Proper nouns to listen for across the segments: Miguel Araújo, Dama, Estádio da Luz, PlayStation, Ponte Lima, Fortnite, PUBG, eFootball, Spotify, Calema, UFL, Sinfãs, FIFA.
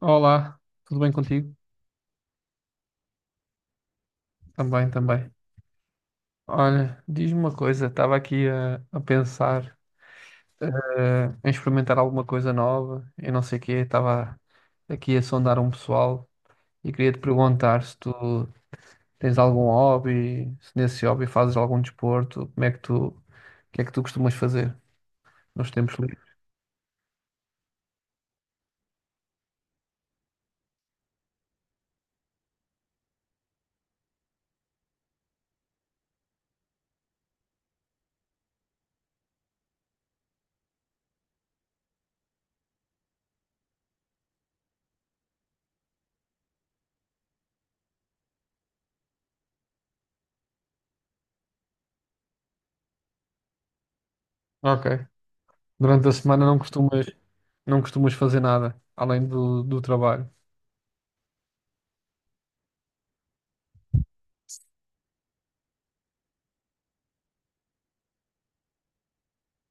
Olá, tudo bem contigo? Também, também. Olha, diz-me uma coisa, estava aqui a pensar em experimentar alguma coisa nova, eu não sei o quê, estava aqui a sondar um pessoal e queria te perguntar se tu tens algum hobby, se nesse hobby fazes algum desporto, como é que tu, o que é que tu costumas fazer nos tempos livres? Ok. Durante a semana não costumas fazer nada, além do trabalho.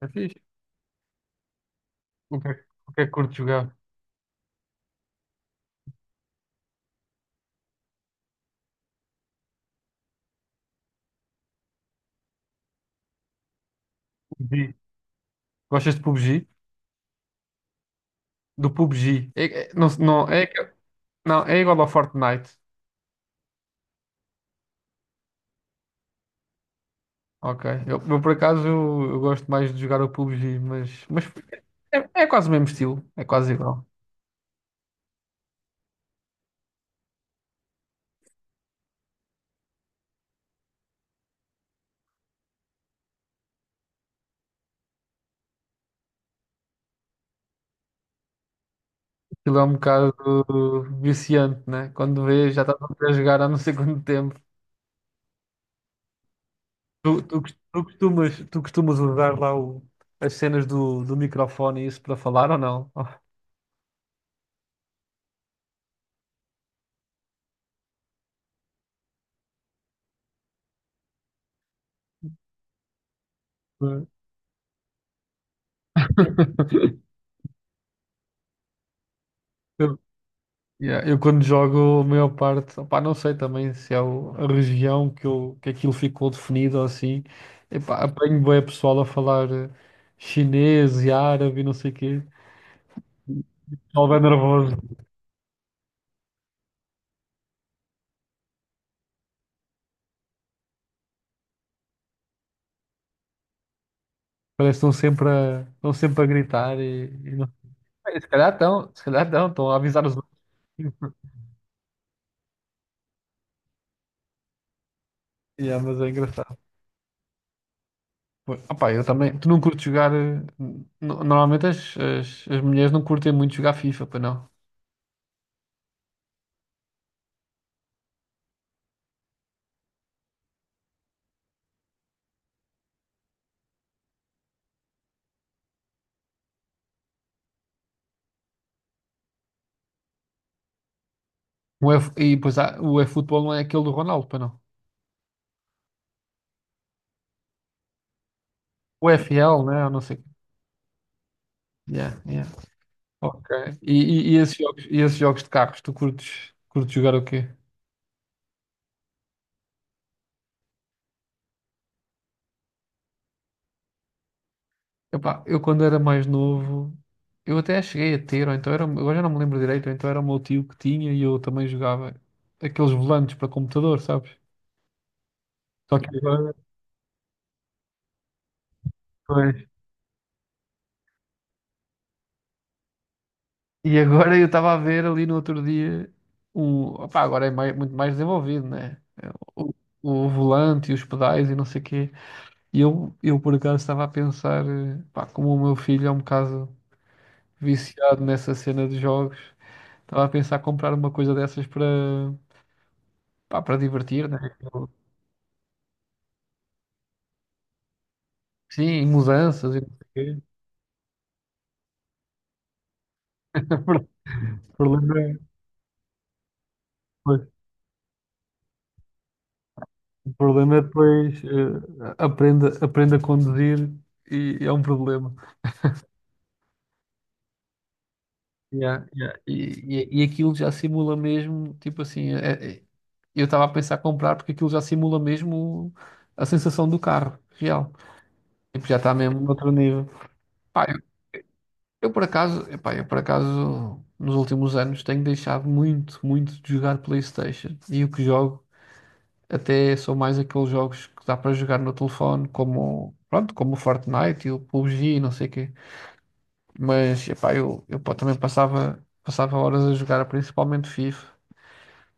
É fixe. O que é, o que é que curtes jogar? PUBG. Gostas de PUBG? Do PUBG. Não, não, é, não, é igual ao Fortnite. Ok. Por acaso eu gosto mais de jogar o PUBG, mas é quase o mesmo estilo. É quase igual. Aquilo é um bocado viciante, né? Quando vês, já estás a jogar há não sei quanto tempo. Tu costumas usar lá as cenas do microfone e isso para falar ou não? Yeah, eu quando jogo, a maior parte, opá, não sei também se é a região que, eu, que aquilo ficou definido ou assim. Epá, apanho bué pessoal a falar chinês e árabe e não sei o quê. Pessoal bem nervoso. Parece que estão sempre a gritar e não. Bem, se calhar estão a avisar os outros. Yeah, mas é engraçado. Pô, opá, eu também, tu não curtes jogar. Normalmente as mulheres não curtem muito jogar FIFA, para não. O F- e pois há, o eFootball não é aquele do Ronaldo, para não. UFL, né? Eu não sei. Yeah, yeah. Ok. E esses jogos de carros, tu curtes jogar o quê? Epá, eu quando era mais novo, eu até cheguei a ter, ou então era, agora já não me lembro direito, ou então era o meu tio que tinha e eu também jogava aqueles volantes para computador, sabes? Só que agora, pois. E agora eu estava a ver ali no outro dia um, opá, agora é muito mais desenvolvido, né? O, o volante e os pedais e não sei o quê. E eu por acaso estava a pensar, pá, como o meu filho é um bocado viciado nessa cena de jogos, estava a pensar comprar uma coisa dessas para divertir, né? Sim, e mudanças e não sei o quê. O problema é, pois, o problema é depois aprenda aprende a conduzir e é um problema. Yeah, yeah. E aquilo já simula mesmo, tipo assim, eu estava a pensar comprar porque aquilo já simula mesmo a sensação do carro real. Tipo, já está mesmo noutro nível. Pá, eu por acaso, nos últimos anos tenho deixado muito, muito de jogar PlayStation. E o que jogo até são mais aqueles jogos que dá para jogar no telefone, como o Fortnite e o PUBG e não sei o quê. Mas, epá, eu pá, também passava horas a jogar, principalmente FIFA.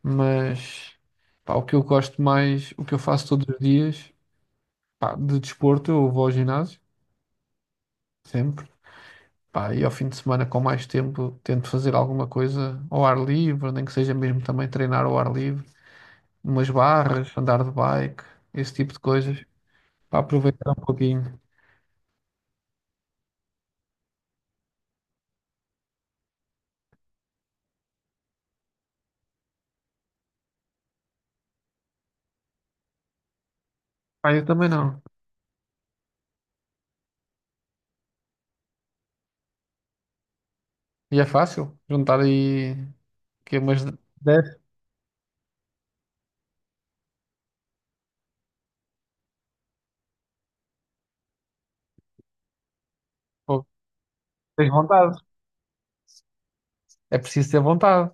Mas, pá, o que eu gosto mais, o que eu faço todos os dias, pá, de desporto, eu vou ao ginásio. Sempre. Pá, e ao fim de semana, com mais tempo, tento fazer alguma coisa ao ar livre, nem que seja mesmo também treinar ao ar livre, umas barras, andar de bike, esse tipo de coisas, para aproveitar um pouquinho. Pá, eu também não. E é fácil juntar aí que umas 10, pô, tens vontade. É preciso ter vontade.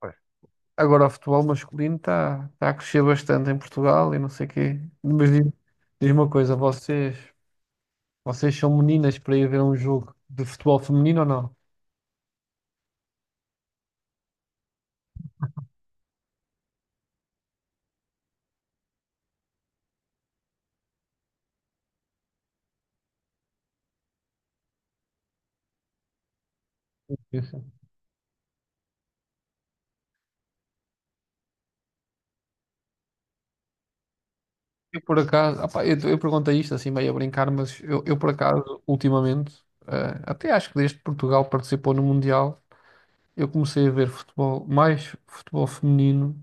Pois. Agora o futebol masculino está a crescer bastante em Portugal e não sei o quê. Mas diz uma coisa, vocês são meninas para ir ver um jogo de futebol feminino ou não? Eu por acaso, opá, eu perguntei isto assim meio a brincar, mas eu por acaso, ultimamente, até acho que desde que Portugal participou no Mundial, eu comecei a ver futebol, mais futebol feminino,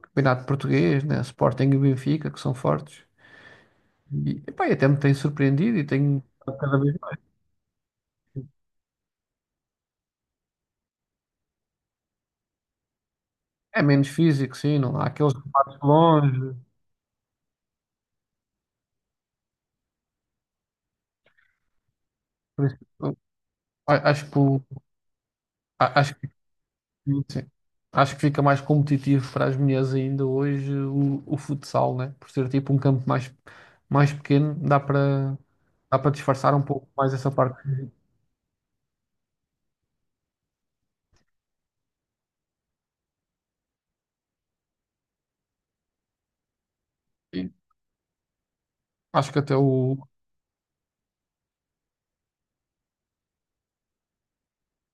campeonato português, né, Sporting e Benfica, que são fortes, e até me tem surpreendido e tenho cada vez é menos físico, sim, não há aqueles debates longe, por isso, eu a- acho que o- acho. Sim, sim. Acho que fica mais competitivo para as mulheres ainda hoje o futsal, né? Por ser tipo um campo mais pequeno, dá para disfarçar um pouco mais essa parte. Sim. Acho que até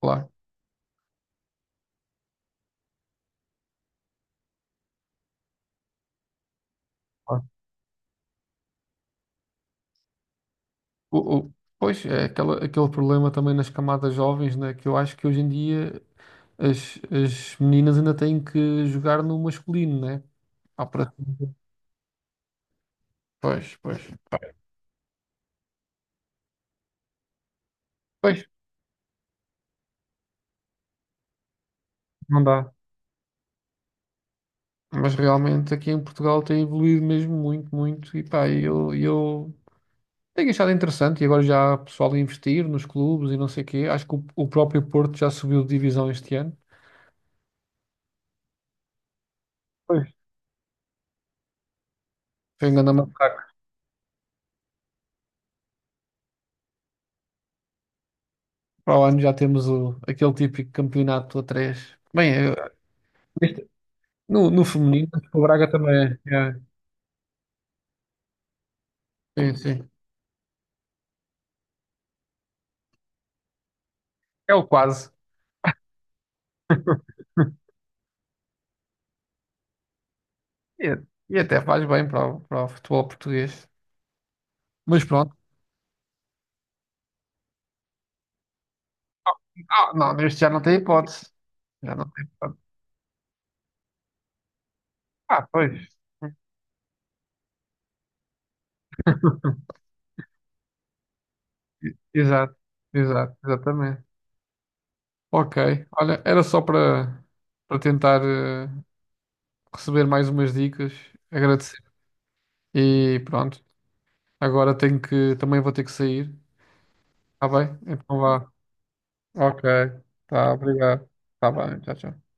claro, claro. Pois é aquele problema também nas camadas jovens, né? Que eu acho que hoje em dia as meninas ainda têm que jogar no masculino, né? Há para. Pois, pois. Pois, não dá. Mas realmente aqui em Portugal tem evoluído mesmo muito, muito. E pá, eu tenho achado interessante. E agora já há pessoal a investir nos clubes e não sei o quê. Acho que o próprio Porto já subiu de divisão este ano. Pois. Foi um grande macaco. Para o ano já temos aquele típico campeonato a três. Bem, este- no feminino, o Braga também é. É, sim, sim. É o quase. E, e até faz bem para o futebol português. Mas pronto. Ah, não, neste já não tem hipótese. Já não tem hipótese. Ah, pois. E- Exato, exato, exatamente. Ok, olha, era só para tentar receber mais umas dicas, agradecer. E pronto, agora também vou ter que sair, tá bem? Então vá. Ok, tá, obrigado. Tá bem, tchau, tchau.